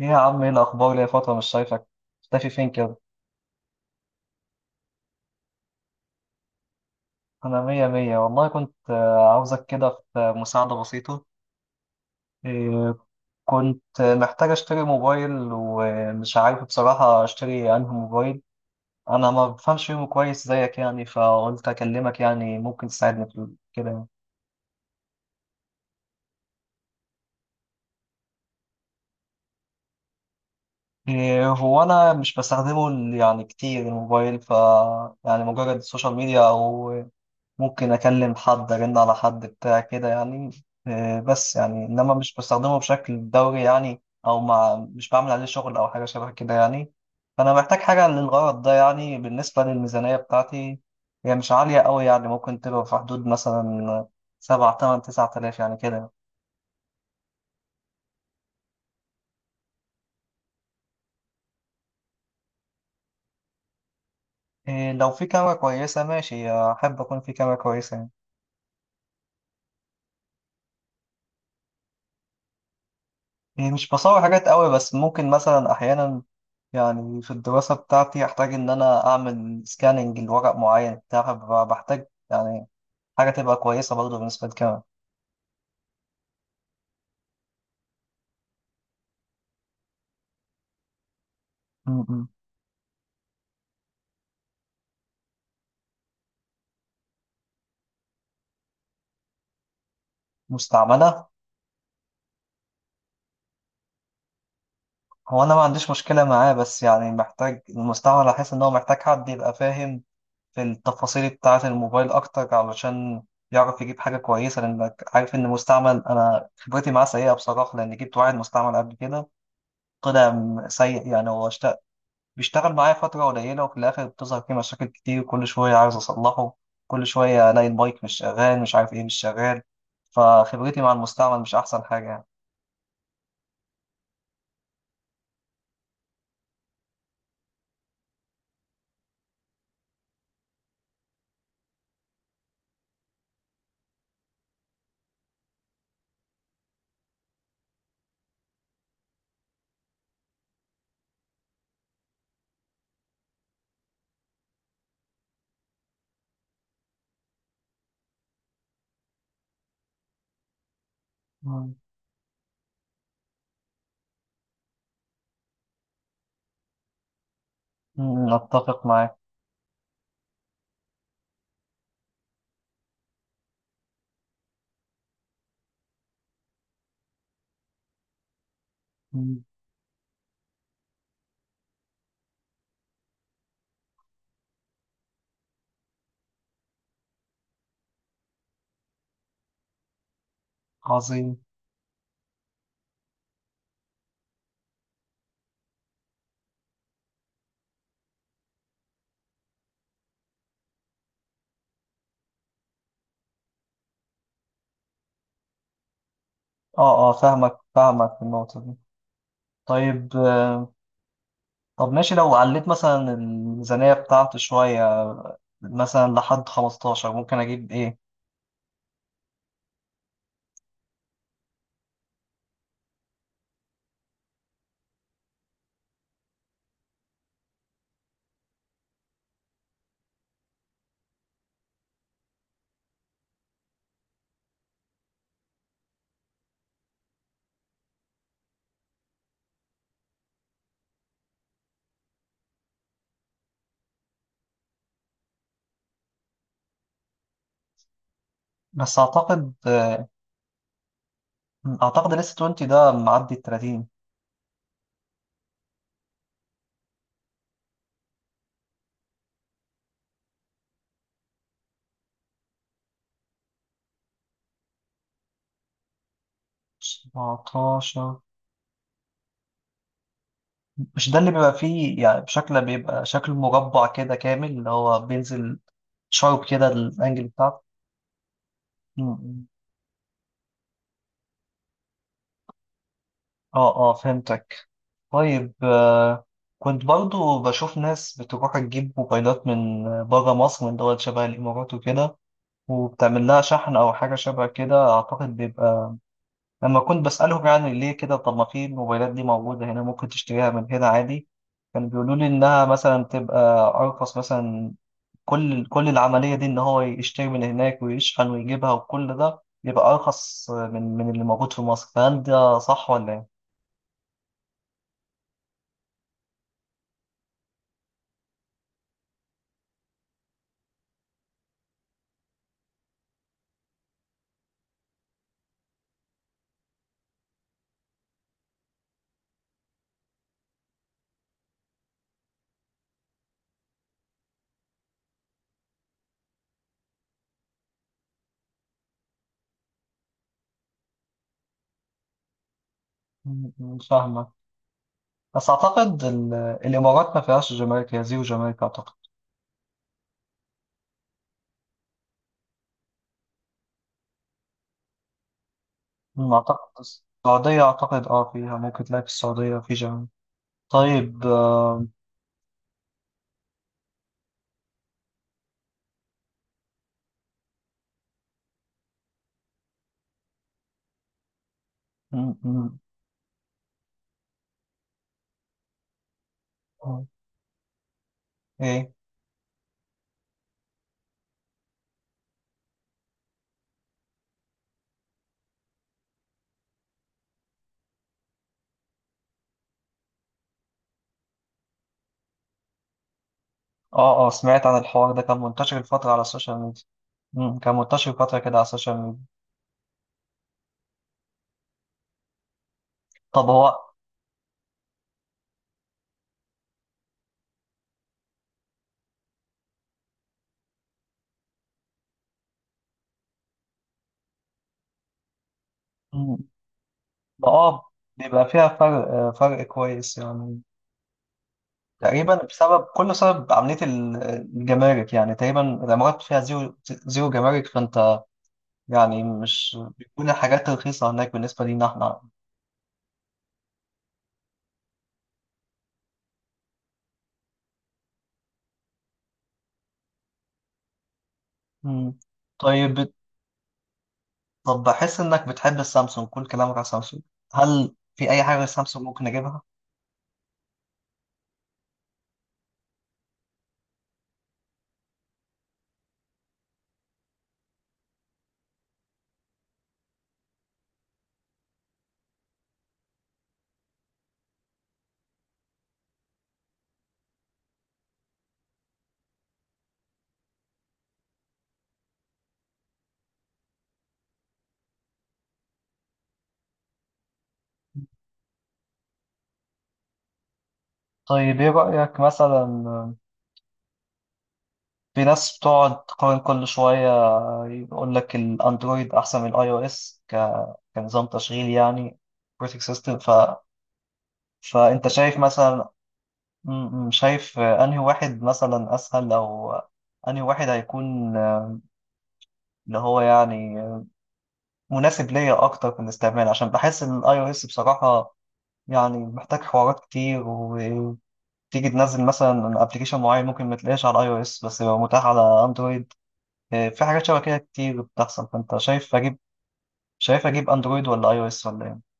ايه يا عم، ايه الاخبار؟ ليا فتره مش شايفك، مختفي فين كده؟ انا مية مية والله. كنت عاوزك كده في مساعده بسيطه. إيه، كنت محتاج اشتري موبايل، ومش عارف بصراحه اشتري انهي موبايل. انا ما بفهمش فيهم كويس زيك يعني، فقلت اكلمك يعني ممكن تساعدني في كده يعني. هو انا مش بستخدمه يعني كتير الموبايل، ف يعني مجرد السوشيال ميديا او ممكن اكلم حد، ارن على حد بتاع كده يعني. بس يعني انما مش بستخدمه بشكل دوري يعني، او مش بعمل عليه شغل او حاجه شبه كده يعني. فانا محتاج حاجه للغرض ده يعني. بالنسبه للميزانيه بتاعتي، هي مش عاليه قوي، يعني ممكن تبقى في حدود مثلا 7 8 9 آلاف يعني كده. لو في كاميرا كويسه ماشي، احب اكون في كاميرا كويسه يعني. يعني مش بصور حاجات قوي، بس ممكن مثلا أحيانا يعني في الدراسة بتاعتي أحتاج إن أنا أعمل سكاننج لورق معين، بتاع بحتاج يعني حاجة تبقى كويسة برضه بالنسبة للكاميرا. م. مستعملة. هو أنا ما عنديش مشكلة معاه، بس يعني محتاج المستعمل، أحس إن هو محتاج حد يبقى فاهم في التفاصيل بتاعة الموبايل أكتر علشان يعرف يجيب حاجة كويسة. لأنك عارف إن مستعمل، أنا خبرتي معاه سيئة بصراحة، لأن جبت واحد مستعمل قبل كده طلع سيء. يعني هو بيشتغل معايا فترة قليلة، وفي الآخر بتظهر فيه مشاكل كتير. كل شوية عايز أصلحه، كل شوية ألاقي المايك مش شغال، مش عارف إيه مش شغال. فخبرتي مع المستعمل مش أحسن حاجة يعني. مم. مم، أتفق معاك. مم. عظيم. آه آه، فاهمك فاهمك في النقطة دي. طيب آه، طب ماشي. لو عليت مثلا الميزانية بتاعته شوية، مثلا لحد 15، ممكن أجيب إيه؟ بس أعتقد ال S20 ده معدي ال 30. 17. مش ده اللي بيبقى فيه يعني، بشكل بيبقى شكل مربع كده كامل، اللي هو بينزل شارب كده الانجل بتاعته. م. اه اه، فهمتك. طيب. كنت برضو بشوف ناس بتروح تجيب موبايلات من بره مصر، من دول شبه الامارات وكده، وبتعمل لها شحن او حاجه شبه كده. اعتقد بيبقى لما كنت بسالهم يعني ليه كده، طب ما في الموبايلات دي موجوده هنا، ممكن تشتريها من هنا عادي. كانوا بيقولوا لي انها مثلا بتبقى ارخص مثلا. كل العملية دي إن هو يشتري من هناك ويشحن ويجيبها، وكل ده يبقى أرخص من اللي موجود في مصر. فهل ده صح ولا إيه؟ م- مش فاهمة. بس أعتقد الإمارات ما فيهاش جمارك، هي زيرو جمارك أعتقد. م، أعتقد السعودية، أعتقد أه فيها، ممكن تلاقي في السعودية في جمارك. طيب آه، م- م- م- إيه؟ أه أه، سمعت عن الحوار ده، كان منتشر الفترة على السوشيال ميديا. م، كان منتشر فترة كده على السوشيال ميديا. طب هو اه، بيبقى فيها فرق، فرق كويس يعني، تقريبا بسبب كله. سبب عملية الجمارك يعني، تقريبا الإمارات فيها زيرو زيرو جمارك، فأنت يعني مش بتكون الحاجات رخيصة هناك بالنسبة لينا احنا. مم. طيب بت- طب بحس إنك بتحب السامسونج، كل كلامك على سامسونج. هل في أي حاجة غير سامسونج ممكن أجيبها؟ طيب إيه رأيك مثلا؟ في ناس بتقعد تقارن كل شوية، بيقول لك الاندرويد احسن من الاي او اس، كنظام تشغيل يعني، اوبريتنج سيستم، فانت شايف مثلا، شايف انهي واحد مثلا اسهل، او انهي واحد هيكون اللي هو يعني مناسب ليا اكتر في الاستعمال؟ عشان بحس ان الاي او اس بصراحة يعني محتاج حوارات كتير، وتيجي تنزل مثلا ابلكيشن معين، ممكن ما تلاقيش على الاي او اس بس يبقى متاح على اندرويد. في حاجات شبه كده كتير بتحصل. فانت شايف اجيب اندرويد ولا اي او اس ولا ايه؟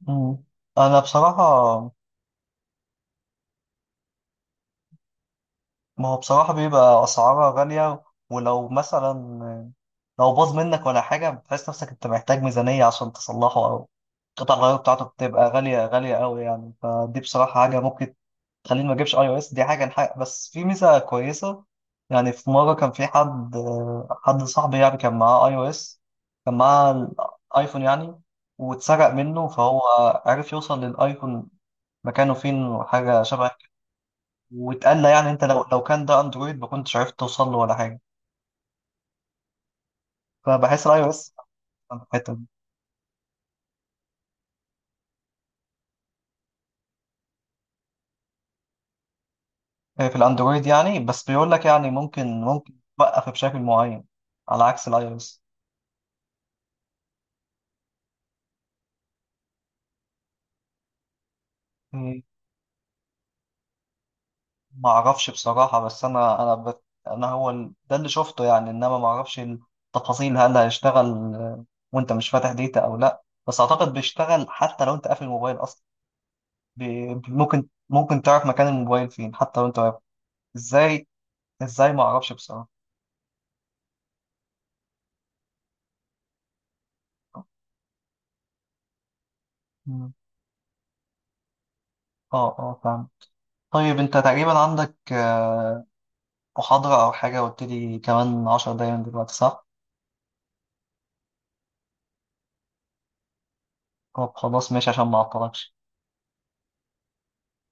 مم. انا بصراحة، ما هو بصراحة بيبقى اسعارها غالية. ولو مثلا لو باظ منك ولا حاجة، بتحس نفسك انت محتاج ميزانية عشان تصلحه، او قطع الغيار بتاعته بتبقى غالية غالية قوي يعني. فدي بصراحة حاجة ممكن تخليني ما اجيبش اي او اس. دي حاجة نحق. بس في ميزة كويسة، يعني في مرة كان في حد صاحبي يعني كان معاه اي او اس، كان معاه الايفون يعني، واتسرق منه. فهو عرف يوصل للايفون مكانه فين وحاجة شبه. واتقال لي يعني انت لو كان ده اندرويد ما كنتش عرفت توصل له ولا حاجه. فبحس الاي او اس احسن في الحته دي. في الاندرويد يعني، بس بيقول لك يعني ممكن توقف بشكل معين على عكس الاي او اس. ما اعرفش بصراحه. بس انا هو ده اللي شفته يعني، انما ما اعرفش التفاصيل هل هيشتغل آه، وانت مش فاتح ديتا او لا. بس اعتقد بيشتغل حتى لو انت قافل الموبايل اصلا. ممكن تعرف مكان الموبايل فين حتى لو انت واقف. ازاي، ازاي ما اعرفش بصراحه. اه اه، فاهم. طيب انت تقريبا عندك محاضرة او حاجة، قلت لي كمان 10 دقايق من دلوقتي صح؟ طب خلاص ماشي، عشان ما اعطلكش.